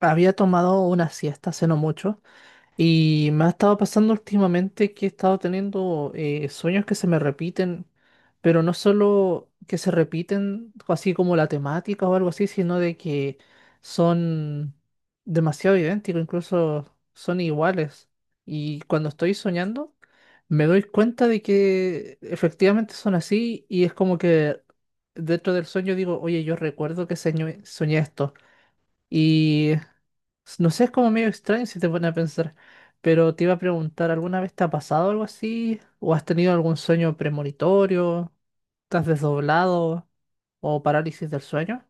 Había tomado una siesta hace no mucho y me ha estado pasando últimamente que he estado teniendo sueños que se me repiten, pero no solo que se repiten así como la temática o algo así, sino de que son demasiado idénticos, incluso son iguales. Y cuando estoy soñando, me doy cuenta de que efectivamente son así y es como que dentro del sueño digo, oye, yo recuerdo que soñé esto. Y no sé, es como medio extraño si te pones a pensar, pero te iba a preguntar, ¿alguna vez te ha pasado algo así? ¿O has tenido algún sueño premonitorio? ¿Estás desdoblado? ¿O parálisis del sueño?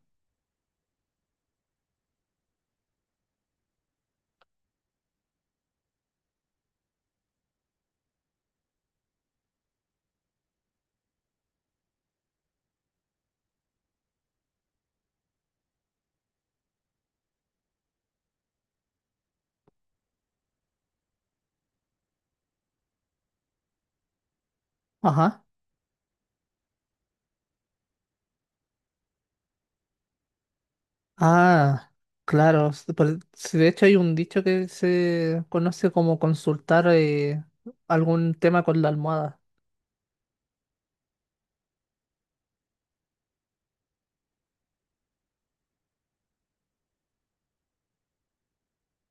Ajá. Ah, claro. Sí, de hecho hay un dicho que se conoce como consultar algún tema con la almohada.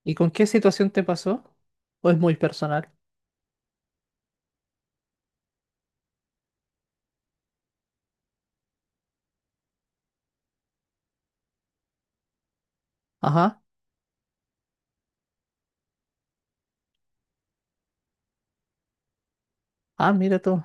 ¿Y con qué situación te pasó? ¿O es muy personal? Ajá. Ah, mira tú.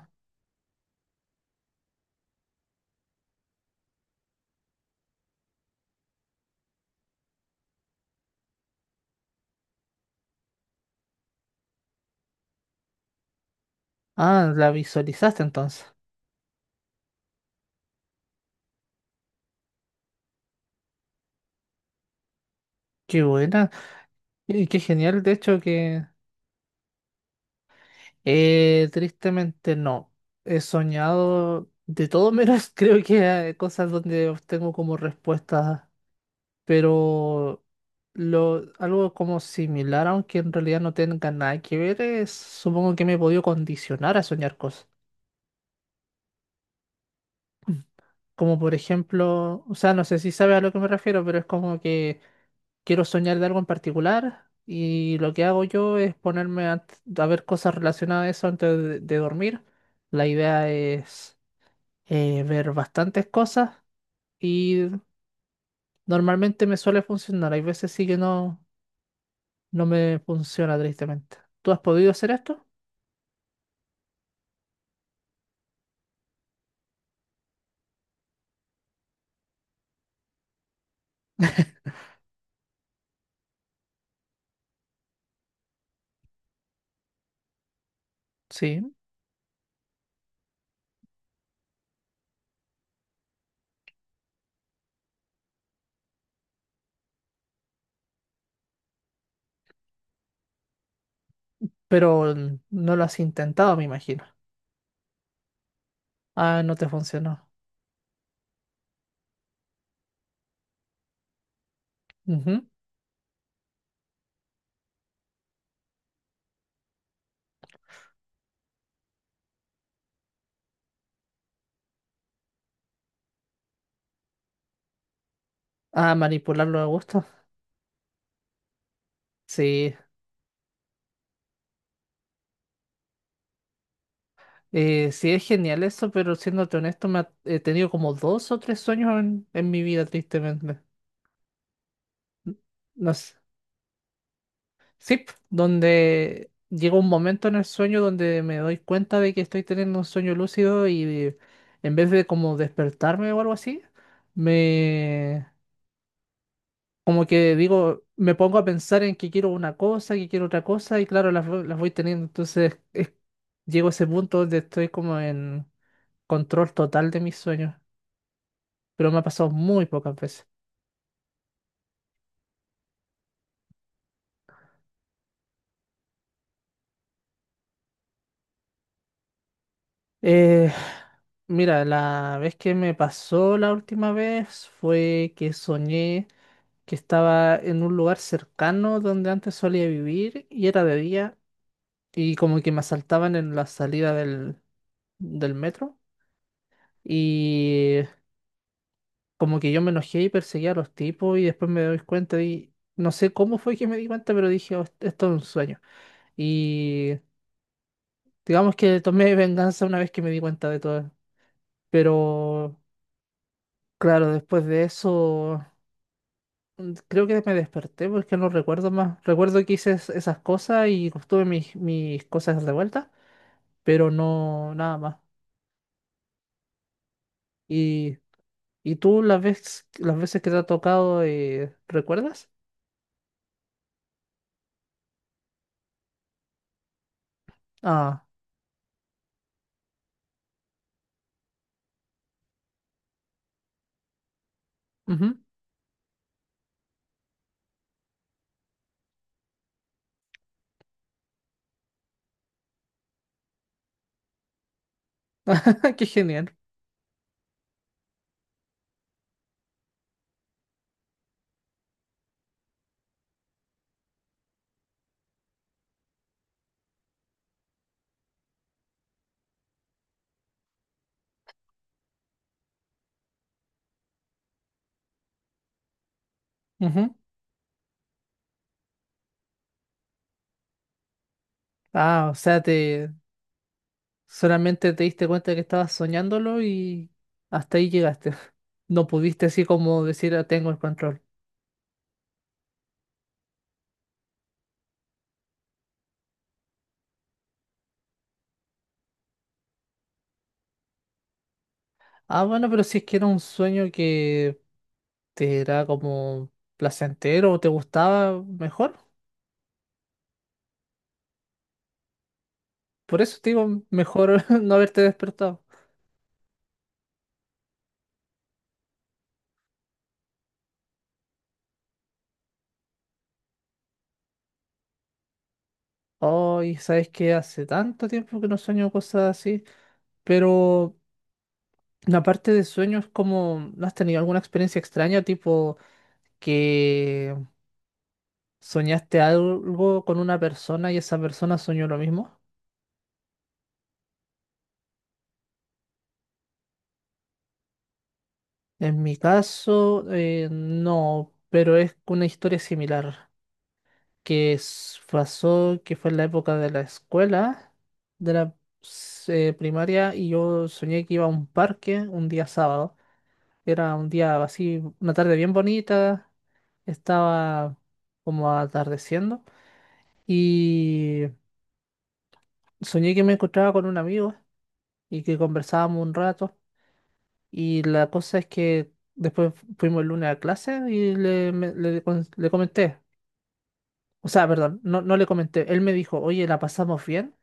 Ah, la visualizaste entonces. Qué buena. Y qué genial, de hecho, que tristemente no. He soñado de todo menos, creo que cosas donde obtengo como respuestas, pero algo como similar, aunque en realidad no tenga nada que ver, es, supongo que me he podido condicionar a soñar cosas. Como por ejemplo, o sea, no sé si sabes a lo que me refiero, pero es como que quiero soñar de algo en particular y lo que hago yo es ponerme a ver cosas relacionadas a eso antes de dormir. La idea es ver bastantes cosas y normalmente me suele funcionar. Hay veces sí que no, no me funciona tristemente. ¿Tú has podido hacer esto? Sí, pero no lo has intentado, me imagino. Ah, no te funcionó. Ujú. Ah, manipularlo a gusto. Sí, eh, sí, es genial eso, pero siéndote honesto, he tenido como dos o tres sueños en mi vida, tristemente. N- No sé. Sí, donde llega un momento en el sueño donde me doy cuenta de que estoy teniendo un sueño lúcido y en vez de como despertarme o algo así, me como que digo, me pongo a pensar en que quiero una cosa, que quiero otra cosa, y claro, las voy teniendo. Entonces, llego a ese punto donde estoy como en control total de mis sueños, pero me ha pasado muy pocas veces. Eh, Mira, la vez que me pasó la última vez fue que soñé que estaba en un lugar cercano donde antes solía vivir y era de día y como que me asaltaban en la salida del metro y como que yo me enojé y perseguí a los tipos y después me doy cuenta y no sé cómo fue que me di cuenta, pero dije, "Oh, esto es un sueño". Y digamos que tomé venganza una vez que me di cuenta de todo. Pero claro, después de eso, creo que me desperté porque no recuerdo más. Recuerdo que hice esas cosas y pues, tuve mis cosas de vuelta, pero no nada más. ¿Y, y tú las veces que te ha tocado, recuerdas? Ah, ujú. Qué genial. Ujú. Ah, o sea, te solamente te diste cuenta que estabas soñándolo y hasta ahí llegaste. No pudiste así como decir, "Ah, tengo el control". Ah, bueno, pero si es que era un sueño que, ¿te era como placentero o te gustaba mejor? Por eso te digo, mejor no haberte despertado. Ay, sabes que hace tanto tiempo que no sueño cosas así, pero la parte de sueños como, ¿no has tenido alguna experiencia extraña, tipo que soñaste algo con una persona y esa persona soñó lo mismo? En mi caso, no, pero es una historia similar. Que pasó, que fue en la época de la escuela, de la primaria, y yo soñé que iba a un parque un día sábado. Era un día así, una tarde bien bonita, estaba como atardeciendo, y soñé que me encontraba con un amigo y que conversábamos un rato, y la cosa es que después fuimos el lunes a clase y le, me- le con- le comenté. O sea, perdón, no, no le comenté. Él me dijo, oye, la pasamos bien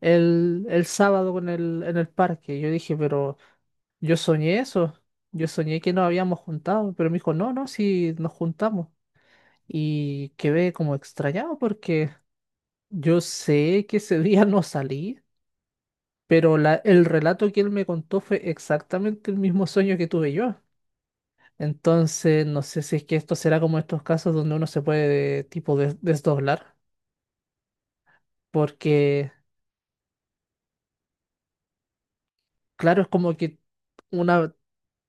el sábado con en el parque. Yo dije, pero yo soñé eso. Yo soñé que nos habíamos juntado. Pero me dijo, no, no, sí nos juntamos. Y quedé como extrañado porque yo sé que ese día no salí, pero el relato que él me contó fue exactamente el mismo sueño que tuve yo. Entonces, no sé si es que esto será como estos casos donde uno se puede tipo desdoblar. Porque claro, es como que una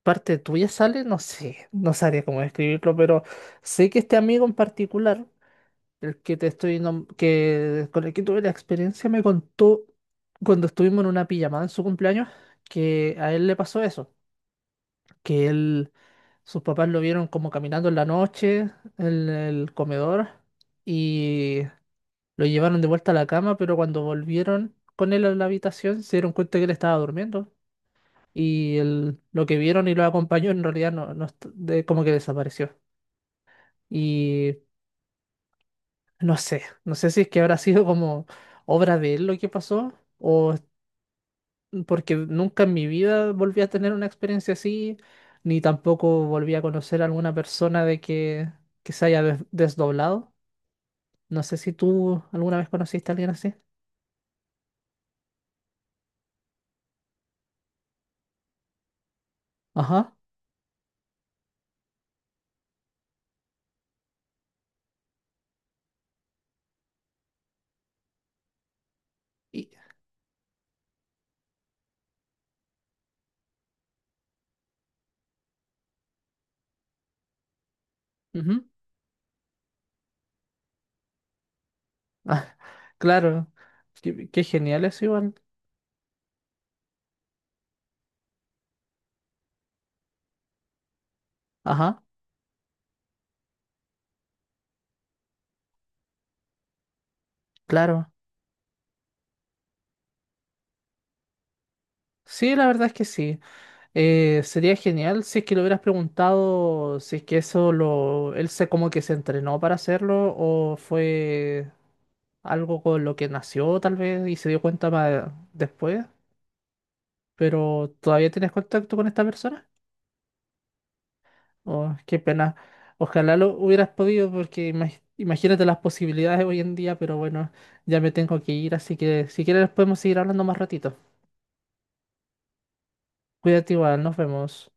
parte tuya sale, no sé, no sabría cómo describirlo, pero sé que este amigo en particular, el que te estoy nom- que con el que tuve la experiencia, me contó cuando estuvimos en una pijamada en su cumpleaños que a él le pasó eso, que él sus papás lo vieron como caminando en la noche en el comedor y lo llevaron de vuelta a la cama, pero cuando volvieron con él a la habitación se dieron cuenta que él estaba durmiendo y lo que vieron y lo acompañó en realidad no, como que desapareció. Y no sé, no sé si es que habrá sido como obra de él lo que pasó o es- porque nunca en mi vida volví a tener una experiencia así, ni tampoco volví a conocer a alguna persona que se haya desdoblado. No sé si tú alguna vez conociste a alguien así. Ajá. Y, ujú. Ah, claro. Qué, qué genial eso igual. Ajá. Claro. Sí, la verdad es que sí. Sería genial si es que lo hubieras preguntado si es que eso él se como que se entrenó para hacerlo o fue algo con lo que nació tal vez y se dio cuenta más después, pero ¿todavía tienes contacto con esta persona? Oh, qué pena. Ojalá lo hubieras podido porque imagínate las posibilidades hoy en día, pero bueno, ya me tengo que ir, así que si quieres podemos seguir hablando más ratito. Cuídate igual, nos vemos.